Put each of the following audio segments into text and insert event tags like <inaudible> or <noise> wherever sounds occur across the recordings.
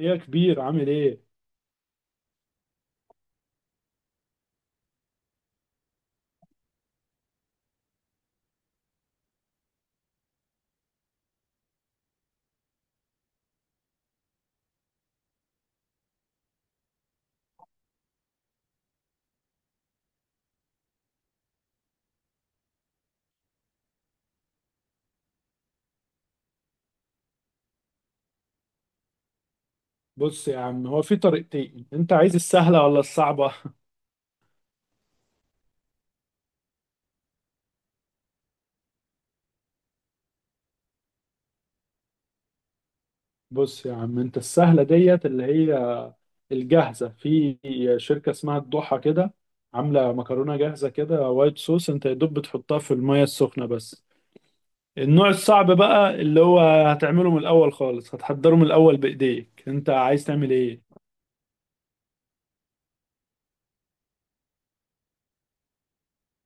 ايه يا كبير، عامل ايه؟ بص يا عم، هو في طريقتين، انت عايز السهله ولا الصعبه؟ <laughs> بص يا عم، انت السهله ديت اللي هي الجاهزه في شركه اسمها الضحى كده، عامله مكرونه جاهزه كده وايت صوص، انت يا دوب بتحطها في الميه السخنه بس. النوع الصعب بقى اللي هو هتعمله من الاول خالص، هتحضره من الاول بايديك، انت عايز تعمل ايه؟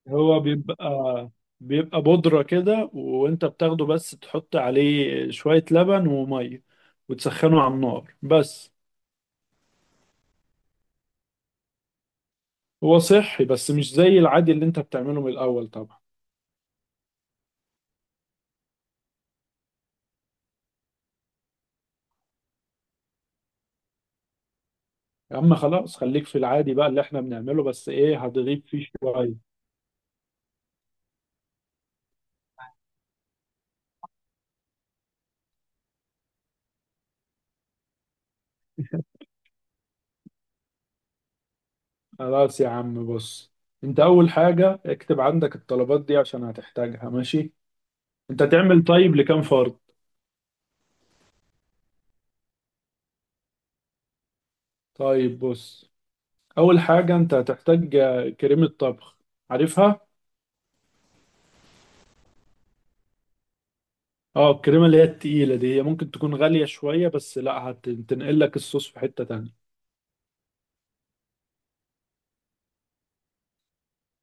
هو بيبقى بودرة كده، وانت بتاخده بس تحط عليه شوية لبن ومية وتسخنه على النار بس. هو صحي بس مش زي العادي اللي انت بتعمله من الأول طبعا. يا عم خلاص، خليك في العادي بقى اللي احنا بنعمله، بس ايه هتغيب فيه شوية. خلاص يا عم بص، انت أول حاجة اكتب عندك الطلبات دي عشان هتحتاجها، ماشي؟ انت تعمل طيب لكام فرد؟ طيب بص، أول حاجة انت هتحتاج كريمة طبخ، عارفها؟ اه الكريمة اللي هي التقيلة دي، هي ممكن تكون غالية شوية بس لا، هتنقل لك الصوص في حتة تانية.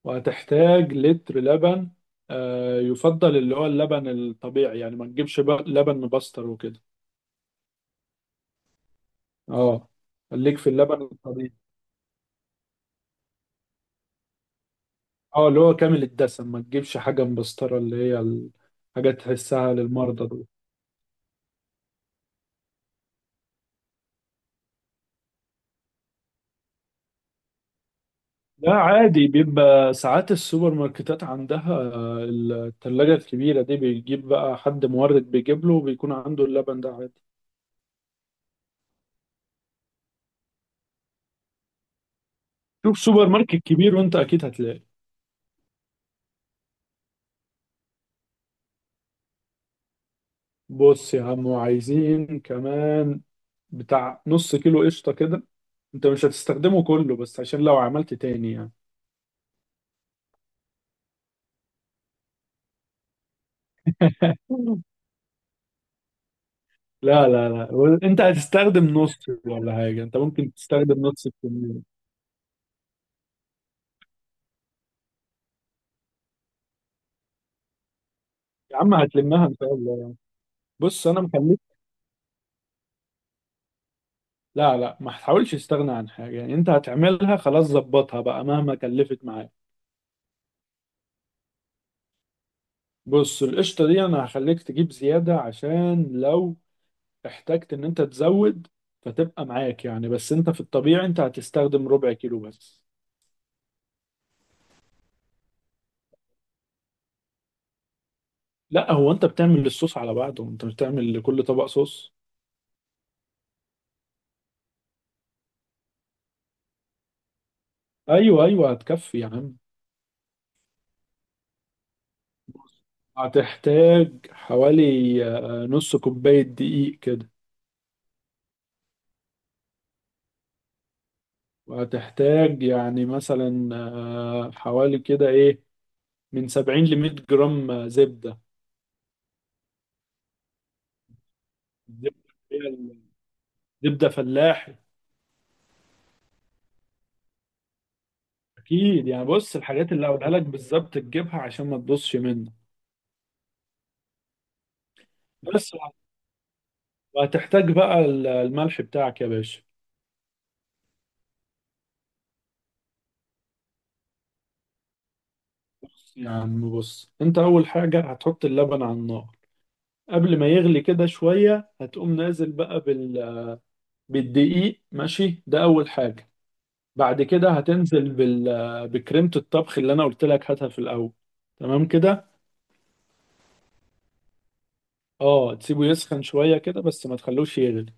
وهتحتاج لتر لبن، يفضل اللي هو اللبن الطبيعي، يعني ما تجيبش بقى لبن مبستر وكده. اه خليك في اللبن الطبيعي. اه اللي هو كامل الدسم، ما تجيبش حاجة مبسترة اللي هي حاجة تحسها للمرضى دول. لا عادي، بيبقى ساعات السوبر ماركتات عندها التلاجة الكبيرة دي، بيجيب بقى حد مورد بيجيب له وبيكون عنده اللبن ده عادي. شوف سوبر ماركت كبير وانت اكيد هتلاقي. بص يا عم، وعايزين كمان بتاع نص كيلو قشطة كده، انت مش هتستخدمه كله بس عشان لو عملت تاني يعني. <laughs> لا لا لا، انت هتستخدم نص، ولا حاجة، انت ممكن تستخدم نص الكمية. يا عم هتلمها ان شاء الله. بص انا مخليك، لا لا ما تحاولش تستغنى عن حاجة يعني، انت هتعملها خلاص، ظبطها بقى مهما كلفت معاك. بص القشطة دي، انا هخليك تجيب زيادة عشان لو احتجت ان انت تزود، فتبقى معاك يعني، بس انت في الطبيعي انت هتستخدم ربع كيلو بس. لا هو انت بتعمل الصوص على بعضه، انت مش بتعمل لكل طبق صوص. ايوه ايوه، هتكفي يا عم. هتحتاج حوالي نص كوباية دقيق كده. وهتحتاج يعني مثلا حوالي كده ايه من 70 ل 100 جرام زبدة. الزبدة هي زبدة فلاحي. اكيد يعني، بص الحاجات اللي هقولها لك بالظبط تجيبها عشان ما تبصش منك. بس وهتحتاج بقى الملح بتاعك يا باشا. بص يا عم، انت اول حاجة هتحط اللبن على النار، قبل ما يغلي كده شوية هتقوم نازل بقى بالدقيق، ماشي؟ ده اول حاجة. بعد كده هتنزل بكريمة الطبخ اللي انا قلت لك، هاتها في الاول، تمام كده. اه تسيبه يسخن شوية كده، بس ما تخلوش يغلي.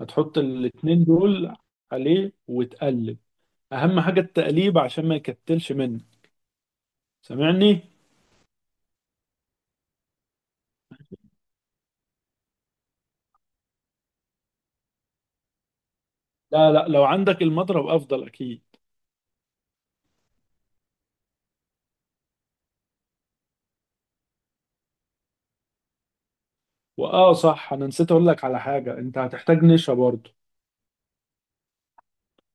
هتحط الاتنين دول عليه وتقلب، اهم حاجة التقليب عشان ما يكتلش منك، سامعني؟ لا لا، لو عندك المضرب افضل اكيد. واه صح انا نسيت اقول لك على حاجه، انت هتحتاج نشا برضو.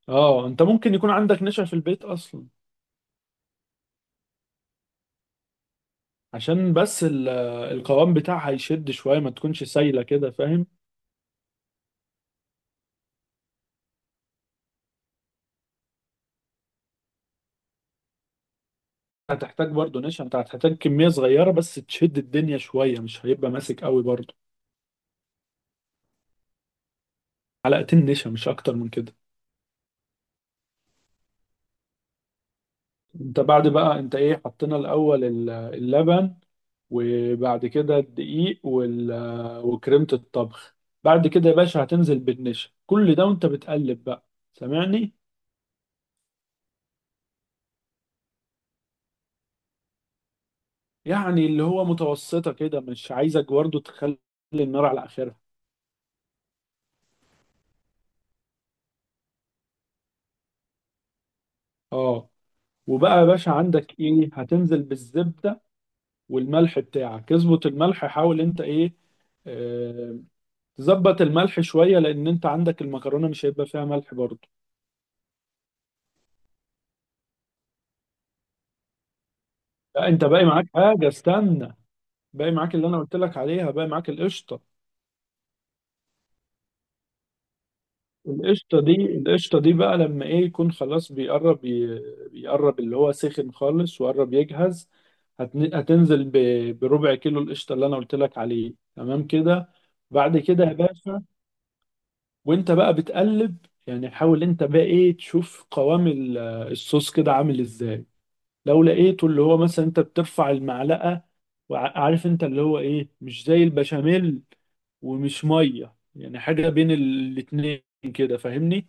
اه انت ممكن يكون عندك نشا في البيت اصلا. عشان بس القوام بتاعها يشد شويه، ما تكونش سايله كده، فاهم؟ هتحتاج برضو نشا، انت هتحتاج كميه صغيره بس تشد الدنيا شويه، مش هيبقى ماسك قوي برضو. علقتين نشا مش اكتر من كده. انت بعد بقى، انت ايه حطينا الاول؟ اللبن، وبعد كده الدقيق وال- وكريمه الطبخ. بعد كده يا باشا هتنزل بالنشا، كل ده وانت بتقلب بقى، سامعني؟ يعني اللي هو متوسطة كده، مش عايزك برضه تخلي النار على آخرها. اه، وبقى يا باشا عندك ايه، هتنزل بالزبدة والملح بتاعك، اظبط الملح، حاول انت ايه آه، تظبط الملح شوية، لأن انت عندك المكرونة مش هيبقى فيها ملح برضه. لا انت باقي معاك حاجة، استنى. باقي معاك اللي انا قلت لك عليها، باقي معاك القشطة. القشطة دي القشطة دي بقى لما ايه يكون خلاص بيقرب، بيقرب اللي هو سخن خالص وقرب يجهز. هتنزل بربع كيلو القشطة اللي انا قلت لك عليه، تمام كده. بعد كده يا باشا، وانت بقى بتقلب، يعني حاول انت بقى ايه تشوف قوام الصوص كده عامل ازاي. لو لقيته اللي هو مثلا انت بترفع المعلقة، وعارف انت اللي هو ايه، مش زي البشاميل ومش مية، يعني حاجة بين الاتنين كده، فاهمني؟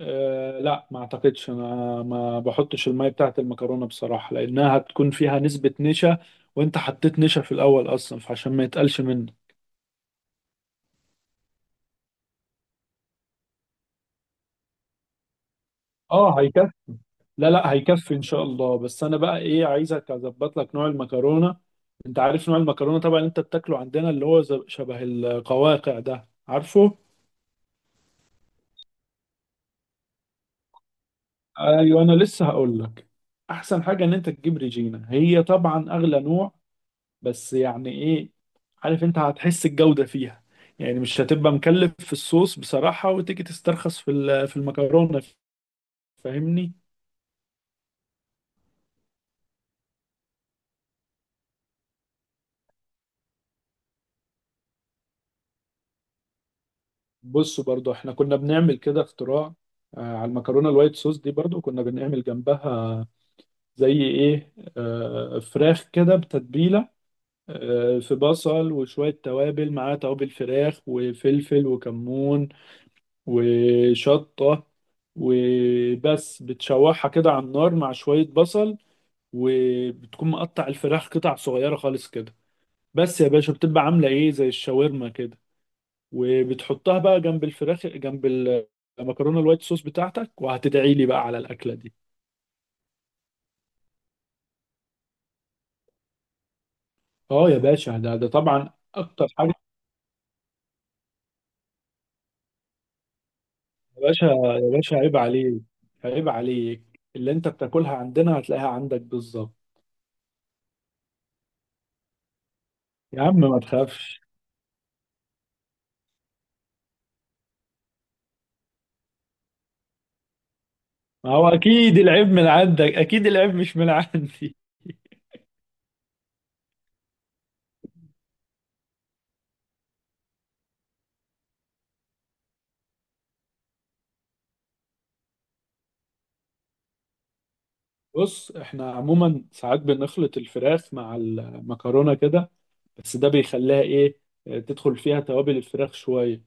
أه لا، ما اعتقدش انا، ما بحطش المية بتاعت المكرونة بصراحة لانها هتكون فيها نسبة نشا، وانت حطيت نشا في الاول اصلا فعشان ما يتقلش منه. اه هيكفي. لا لا هيكفي ان شاء الله، بس انا بقى ايه عايزك اظبط لك نوع المكرونة. انت عارف نوع المكرونة طبعا اللي انت بتاكله عندنا، اللي هو شبه القواقع ده، عارفه؟ ايوه انا لسه هقول لك، احسن حاجة ان انت تجيب ريجينا، هي طبعا اغلى نوع بس يعني ايه، عارف انت هتحس الجودة فيها، يعني مش هتبقى مكلف في الصوص بصراحة وتيجي تسترخص في في المكرونة، فاهمني؟ بصوا برضو احنا كنا بنعمل كده اختراع، على المكرونة الوايت صوص دي برضو كنا بنعمل جنبها زي ايه، فراخ كده بتتبيلة، في بصل وشوية توابل معاه، توابل فراخ وفلفل وكمون وشطة، وبس بتشوحها كده على النار مع شوية بصل، وبتكون مقطع الفراخ قطع صغيرة خالص كده، بس يا باشا بتبقى عاملة ايه زي الشاورما كده، وبتحطها بقى جنب الفراخ، جنب المكرونة الوايت صوص بتاعتك، وهتدعي لي بقى على الأكلة دي. اه يا باشا، ده طبعا أكتر حاجة. يا باشا يا باشا، عيب عليك، عيب عليك. اللي انت بتاكلها عندنا هتلاقيها عندك بالظبط. يا عم ما تخافش. ما هو اكيد العيب من عندك، اكيد العيب مش من عندي. بص احنا عموما ساعات بنخلط الفراخ مع المكرونة كده، بس ده بيخليها ايه تدخل فيها توابل الفراخ شوية،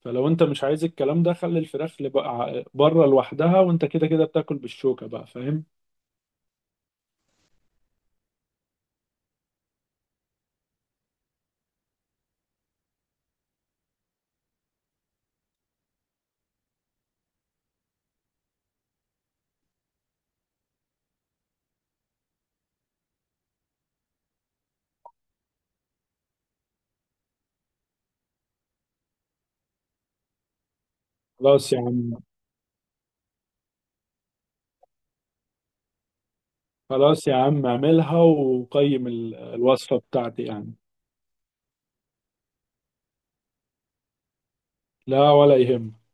فلو انت مش عايز الكلام ده خلي الفراخ اللي بقى بره لوحدها، وانت كده كده بتاكل بالشوكة بقى، فاهم؟ خلاص يا عم خلاص يا عم، اعملها وقيم الوصفة بتاعتي يعني. لا ولا يهم.